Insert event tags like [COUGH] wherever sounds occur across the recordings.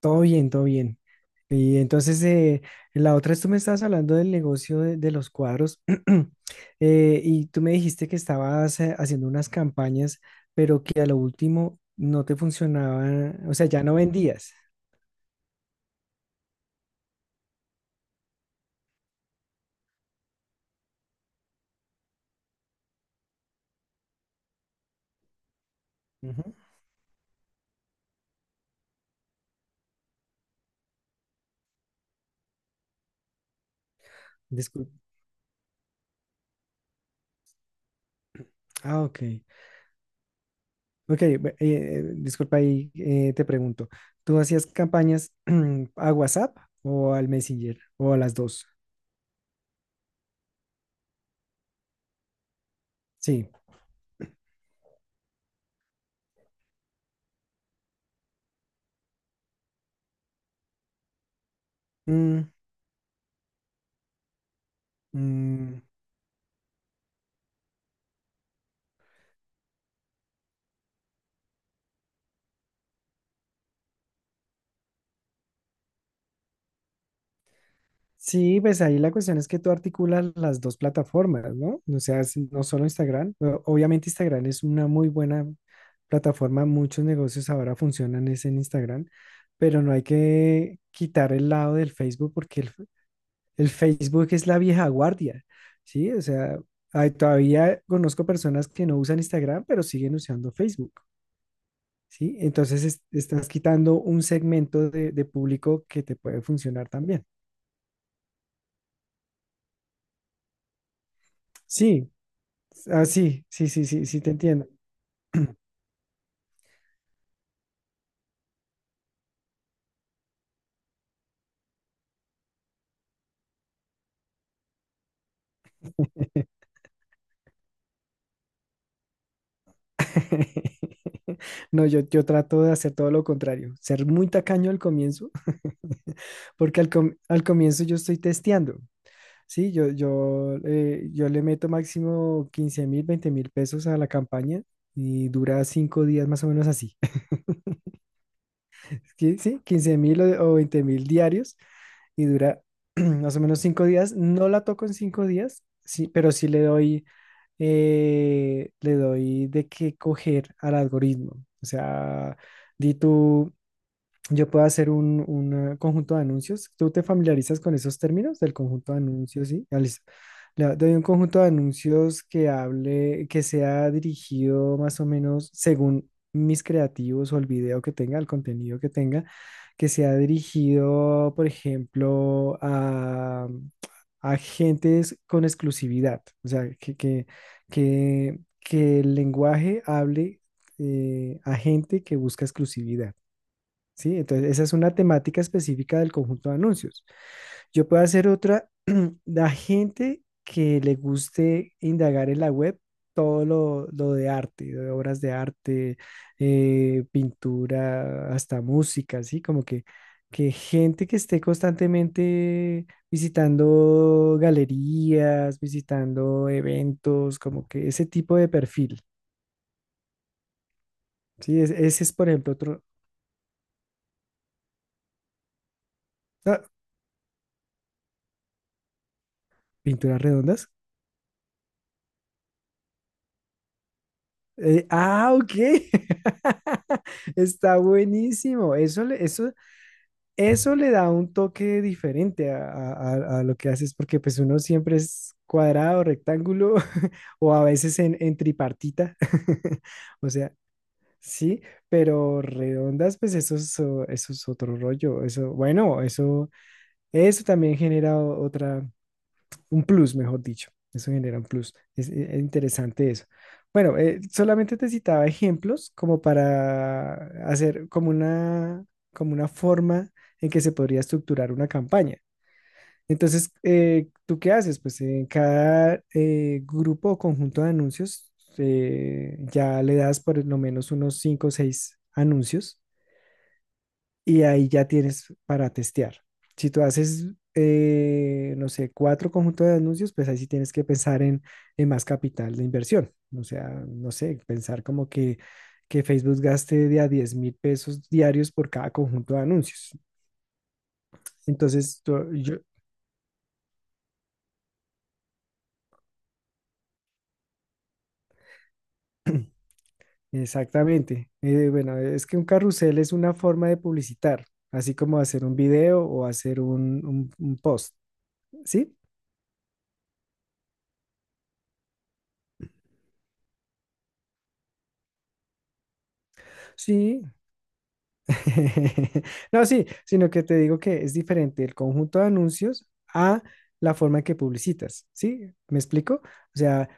Todo bien, todo bien. Y entonces, la otra es tú me estabas hablando del negocio de los cuadros [CLEARS THROAT] y tú me dijiste que estabas haciendo unas campañas, pero que a lo último no te funcionaba, o sea, ya no vendías. Ujú. Discul- Ah, ok. Ok, disculpa ahí, te pregunto, ¿tú hacías campañas [CLEARS THROAT] a WhatsApp o al Messenger o a las dos? Sí. Mm, mm, sí, pues ahí la cuestión es que tú articulas las dos plataformas, ¿no? O sea, es no solo Instagram, obviamente Instagram es una muy buena plataforma, muchos negocios ahora funcionan es en Instagram, pero no hay que quitar el lado del Facebook porque el Facebook es la vieja guardia, ¿sí? O sea, todavía conozco personas que no usan Instagram, pero siguen usando Facebook, ¿sí? Entonces estás quitando un segmento de público que te puede funcionar también. Sí, ah, sí, sí, sí, sí, sí, te entiendo. [LAUGHS] No, yo trato de hacer todo lo contrario, ser muy tacaño al comienzo, [LAUGHS] porque al comienzo yo estoy testeando, ¿sí? Yo le meto máximo 15.000, 20.000 pesos a la campaña y dura 5 días más o menos así, [LAUGHS] ¿sí? Sí, 15 mil o 20 mil diarios y dura [CLEARS THROAT] más o menos cinco días. No la toco en 5 días, sí, pero sí le doy de qué coger al algoritmo. O sea, di tú, yo puedo hacer conjunto de anuncios. ¿Tú te familiarizas con esos términos del conjunto de anuncios? Sí, ah, listo. Le doy un conjunto de anuncios que hable, que sea dirigido más o menos según mis creativos o el video que tenga, el contenido que tenga, que sea dirigido, por ejemplo, a gentes con exclusividad. O sea, que el lenguaje hable a gente que busca exclusividad. ¿Sí? Entonces, esa es una temática específica del conjunto de anuncios. Yo puedo hacer otra, [CLEARS THROAT] la gente que le guste indagar en la web todo lo de arte, de obras de arte, pintura, hasta música, ¿sí? Como que gente que esté constantemente visitando galerías, visitando eventos, como que ese tipo de perfil, ¿sí? Ese es, por ejemplo, otro... Ah, pinturas redondas. Ah, ok. [LAUGHS] Está buenísimo. Eso le da un toque diferente a lo que haces, porque pues uno siempre es cuadrado, rectángulo, [LAUGHS] o a veces en tripartita. [LAUGHS] O sea, sí, pero redondas, pues eso es, eso es otro rollo. Eso, bueno, eso también genera otra un plus, mejor dicho. Eso genera un plus. Es interesante eso. Bueno, solamente te citaba ejemplos como para hacer como una forma en que se podría estructurar una campaña. Entonces, ¿tú qué haces? Pues en cada grupo o conjunto de anuncios ya le das por lo menos unos 5 o 6 anuncios y ahí ya tienes para testear. Si tú haces, no sé, cuatro conjuntos de anuncios, pues ahí sí tienes que pensar en más capital de inversión. O sea, no sé, pensar como que Facebook gaste de a 10.000 pesos diarios por cada conjunto de anuncios. Entonces, yo, exactamente. Bueno, es que un carrusel es una forma de publicitar, así como hacer un video o hacer un post, ¿sí? Sí, [LAUGHS] no, sí, sino que te digo que es diferente el conjunto de anuncios a la forma en que publicitas, ¿sí? ¿Me explico? O sea,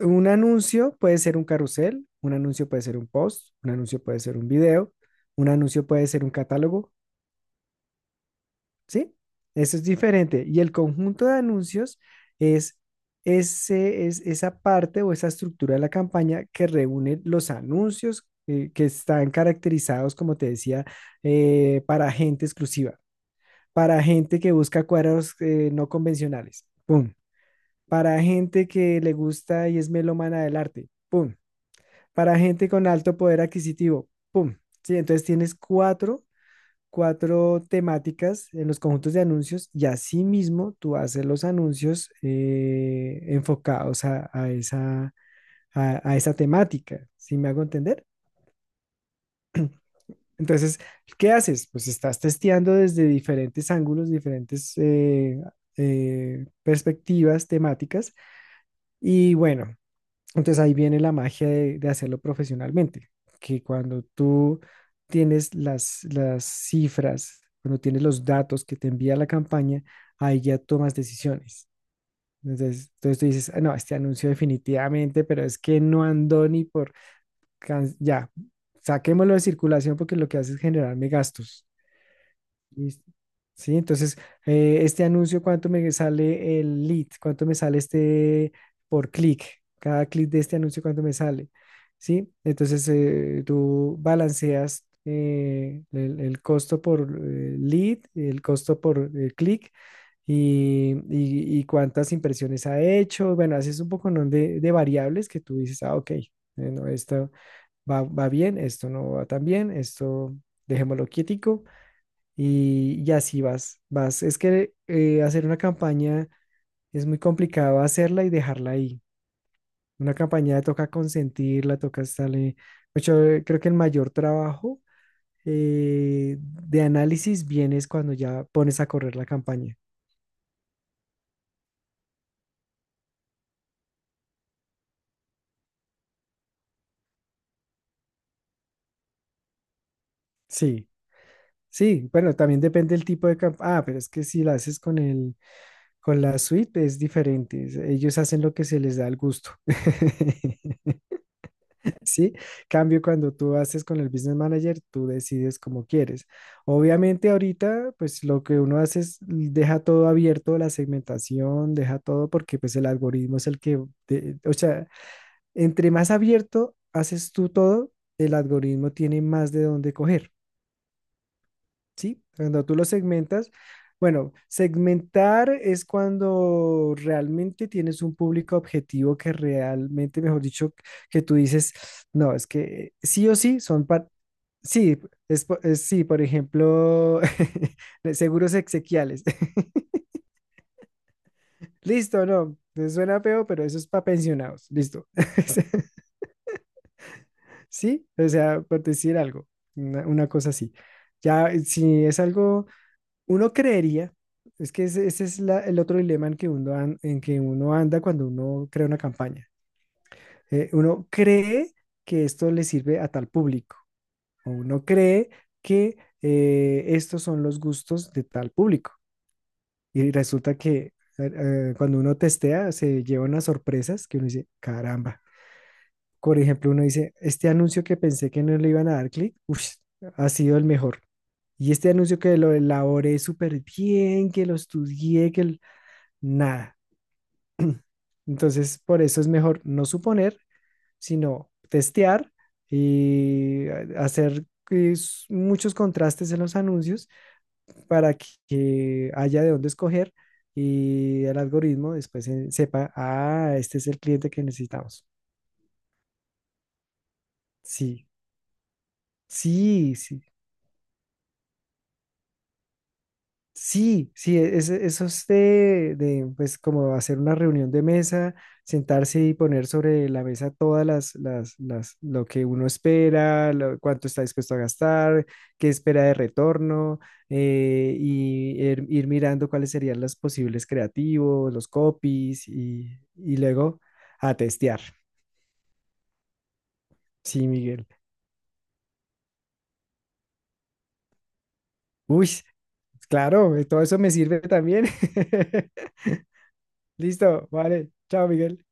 un anuncio puede ser un carrusel, un anuncio puede ser un post, un anuncio puede ser un video, un anuncio puede ser un catálogo, ¿sí? Eso es diferente. Y el conjunto de anuncios es, es esa parte o esa estructura de la campaña que reúne los anuncios que están caracterizados, como te decía, para gente exclusiva, para gente que busca cuadros no convencionales, ¡pum! Para gente que le gusta y es melómana del arte, ¡pum! Para gente con alto poder adquisitivo, ¡pum! Sí, entonces tienes cuatro temáticas en los conjuntos de anuncios y así mismo tú haces los anuncios enfocados a esa temática, ¿sí me hago entender? Entonces, ¿qué haces? Pues estás testeando desde diferentes ángulos, diferentes perspectivas temáticas y bueno. Entonces ahí viene la magia de hacerlo profesionalmente, que cuando tú tienes las cifras, cuando tienes los datos que te envía la campaña, ahí ya tomas decisiones. Entonces, tú dices: "Ah, no, este anuncio definitivamente, pero es que no andó ni por... ya, saquémoslo de circulación porque lo que hace es generarme gastos." Listo. Sí, entonces, este anuncio, ¿cuánto me sale el lead? ¿Cuánto me sale este por clic? Cada clic de este anuncio, ¿cuánto me sale? Sí, entonces tú balanceas el costo por lead, el costo por clic y cuántas impresiones ha hecho. Bueno, haces un poco, ¿no? de variables que tú dices, ah, ok, bueno, esto va bien, esto no va tan bien, esto dejémoslo quietico y así vas, vas. Es que hacer una campaña es muy complicado hacerla y dejarla ahí. Una campaña toca consentirla, toca estarle. Mucho, creo que el mayor trabajo de análisis viene es cuando ya pones a correr la campaña. Sí, sí, bueno, también depende del tipo de campaña. Ah, pero es que si la haces con el, con la suite es diferente. Ellos hacen lo que se les da el gusto. [LAUGHS] Sí, cambio cuando tú haces con el business manager, tú decides como quieres. Obviamente ahorita, pues lo que uno hace es deja todo abierto, la segmentación, deja todo porque pues el algoritmo es el que, o sea, entre más abierto haces tú todo, el algoritmo tiene más de dónde coger. Sí, cuando tú lo segmentas, bueno, segmentar es cuando realmente tienes un público objetivo que realmente, mejor dicho, que tú dices, no, es que sí o sí son sí, sí, por ejemplo, [LAUGHS] de seguros exequiales. [LAUGHS] Listo, no, suena feo, pero eso es para pensionados. Listo. [LAUGHS] Sí, o sea, por decir algo, una cosa así. Ya, si es algo. Uno creería, es que ese es el otro dilema en que uno, anda cuando uno crea una campaña. Uno cree que esto le sirve a tal público, o uno cree que estos son los gustos de tal público. Y resulta que cuando uno testea se lleva unas sorpresas que uno dice, caramba. Por ejemplo, uno dice, este anuncio que pensé que no le iban a dar clic, ush, ha sido el mejor. Y este anuncio que lo elaboré súper bien, que lo estudié, que, nada. Entonces, por eso es mejor no suponer, sino testear y hacer muchos contrastes en los anuncios para que haya de dónde escoger y el algoritmo después sepa, ah, este es el cliente que necesitamos. Sí, sí, sí. Sí, sí, eso es pues, como hacer una reunión de mesa, sentarse y poner sobre la mesa todas lo que uno espera, cuánto está dispuesto a gastar, qué espera de retorno, y ir mirando cuáles serían los posibles creativos, los copies, y luego a testear. Sí, Miguel. Uy, claro, todo eso me sirve también. [LAUGHS] Listo, vale. Chao, Miguel.